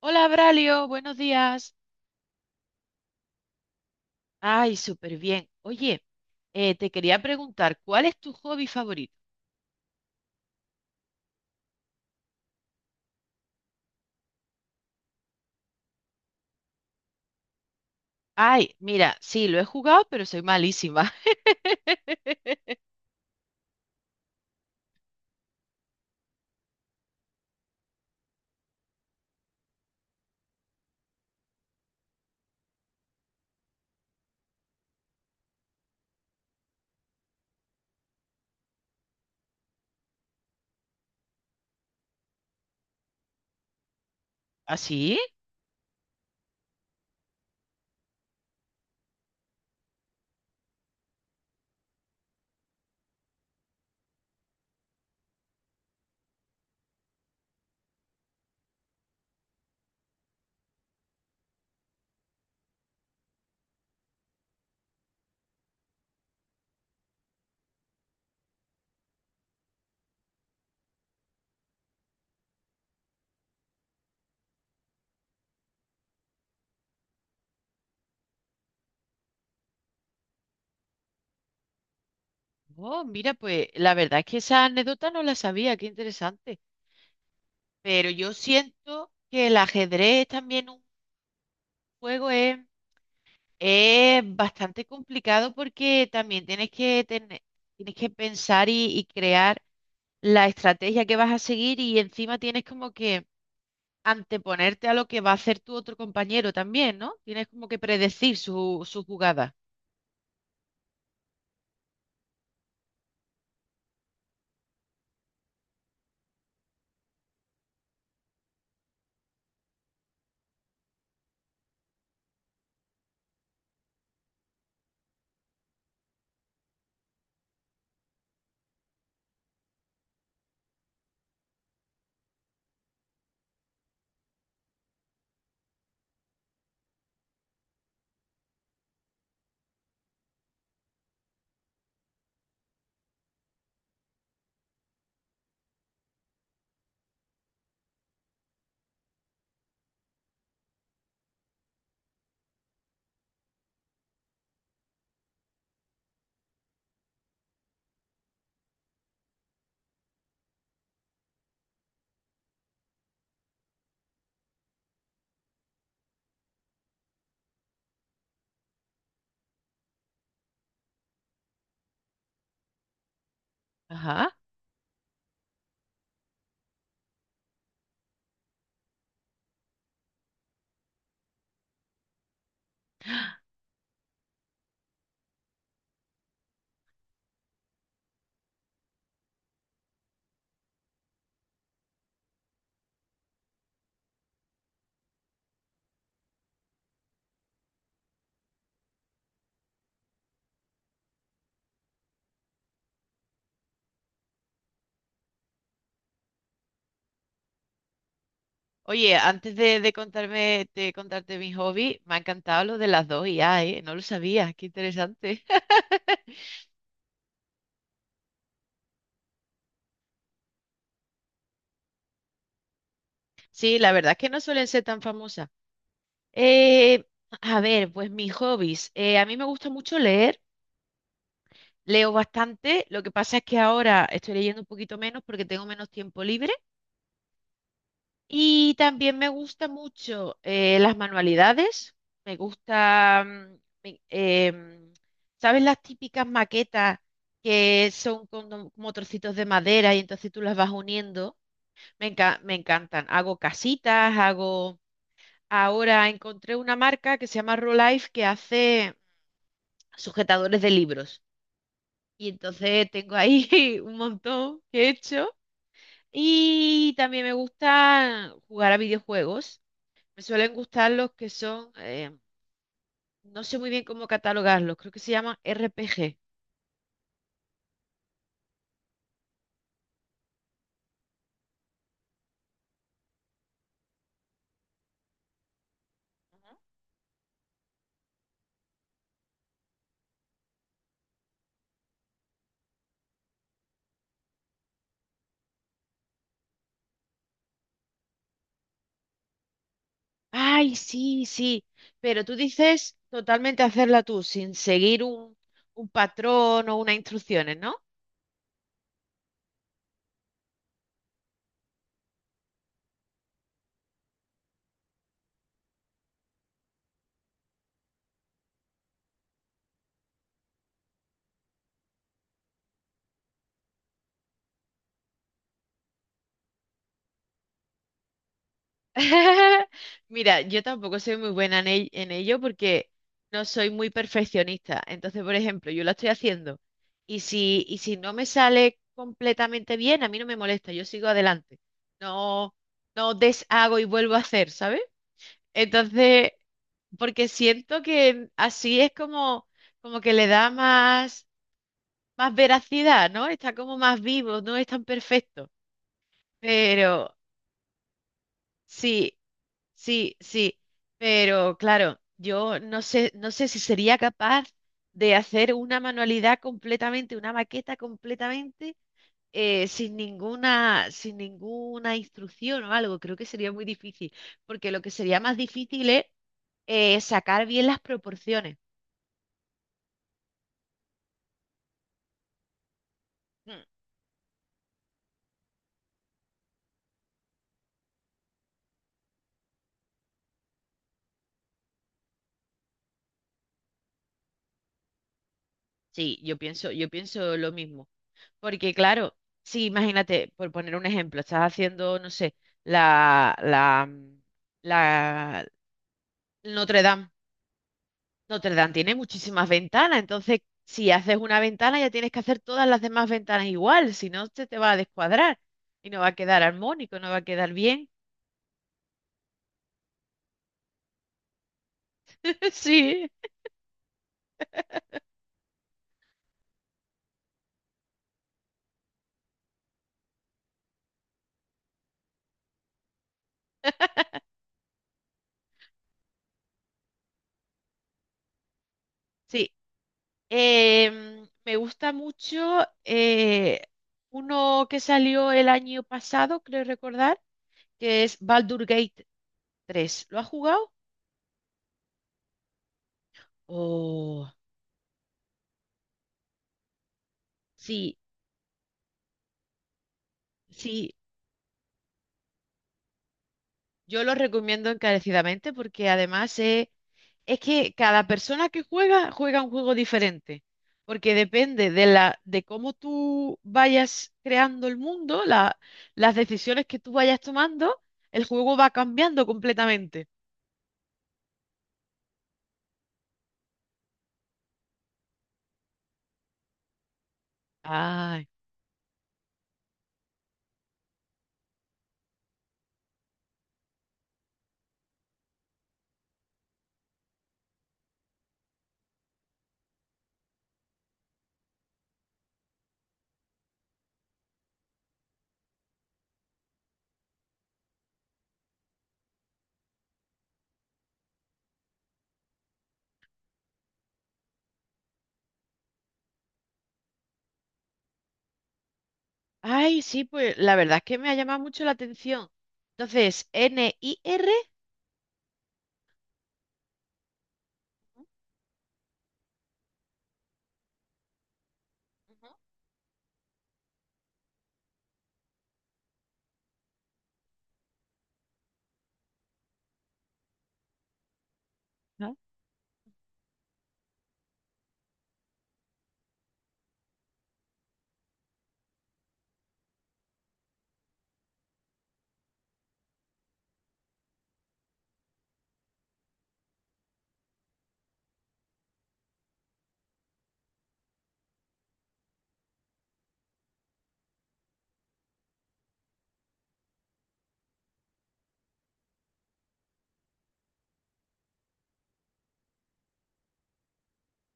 Hola, Bralio, buenos días. Ay, súper bien. Oye, te quería preguntar, ¿cuál es tu hobby favorito? Ay, mira, sí, lo he jugado, pero soy malísima. ¿Ah, sí? Oh, mira, pues la verdad es que esa anécdota no la sabía, qué interesante. Pero yo siento que el ajedrez también un juego es bastante complicado porque también tienes que tener, tienes que pensar y crear la estrategia que vas a seguir y encima tienes como que anteponerte a lo que va a hacer tu otro compañero también, ¿no? Tienes como que predecir su jugada. Ajá. Oye, antes de contarme, de contarte mi hobby, me ha encantado lo de las dos IA, ¿eh? No lo sabía, qué interesante. Sí, la verdad es que no suelen ser tan famosas. Eh, a ver, pues mis hobbies. A mí me gusta mucho leer, leo bastante. Lo que pasa es que ahora estoy leyendo un poquito menos porque tengo menos tiempo libre. Y también me gusta mucho las manualidades. Me gusta. Me- em, ¿Sabes las típicas maquetas que son como trocitos de madera y entonces tú las vas uniendo? Me encantan. Hago casitas. Ahora encontré una marca que se llama Rolife que hace sujetadores de libros. Y entonces tengo ahí un montón que he hecho. Y también me gusta jugar a videojuegos. Me suelen gustar los que son, no sé muy bien cómo catalogarlos, creo que se llaman RPG. Ay, sí, sí, pero tú dices totalmente hacerla tú, sin seguir un patrón o unas instrucciones, ¿no? Mira, yo tampoco soy muy buena en ello porque no soy muy perfeccionista. Entonces, por ejemplo, yo la estoy haciendo y si no me sale completamente bien, a mí no me molesta, yo sigo adelante. No, no deshago y vuelvo a hacer, ¿sabes? Entonces, porque siento que así es como que le da más veracidad, ¿no? Está como más vivo, no es tan perfecto. Pero sí, sí, sí. Pero claro, yo no sé si sería capaz de hacer una manualidad completamente, una maqueta completamente, sin ninguna instrucción o algo. Creo que sería muy difícil, porque lo que sería más difícil es sacar bien las proporciones. Mm, sí, yo pienso lo mismo. Porque claro, sí, imagínate, por poner un ejemplo, estás haciendo, no sé, la, la, mm, la Notre Dame. Notre Dame tiene muchísimas ventanas, entonces si haces una ventana ya tienes que hacer todas las demás ventanas igual, si no se te va a descuadrar y no va a quedar armónico, no va a quedar bien. Sí, sí. Me gusta mucho uno que salió el año pasado, creo recordar que es Baldur Gate 3. ¿Lo has jugado? Oh, sí, sí, yo lo recomiendo encarecidamente porque además es que cada persona que juega juega un juego diferente, porque depende de cómo tú vayas creando el mundo, las decisiones que tú vayas tomando, el juego va cambiando completamente. Ay, ay, sí, pues la verdad es que me ha llamado mucho la atención. Entonces, Nier.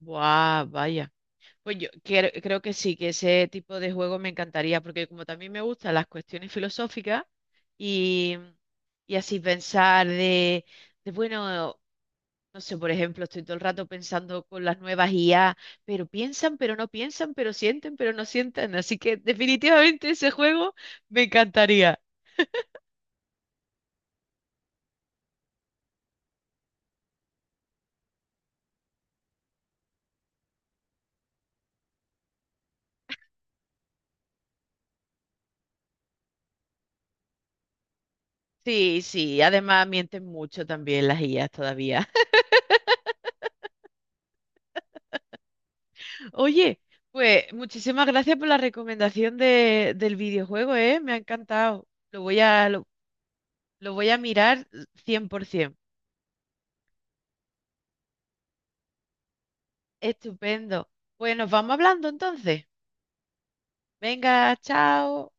Guau, vaya. Pues creo que sí, que ese tipo de juego me encantaría, porque como también me gustan las cuestiones filosóficas y, y así pensar bueno, no sé, por ejemplo, estoy todo el rato pensando con las nuevas IA, pero piensan, pero no piensan, pero sienten, pero no sienten. Así que definitivamente ese juego me encantaría. Sí, sí, además mienten mucho también las IAs todavía. Oye, pues muchísimas gracias por la recomendación del videojuego, ¿eh? Me ha encantado. Lo voy a mirar 100%. Estupendo. Pues nos vamos hablando entonces. Venga, chao.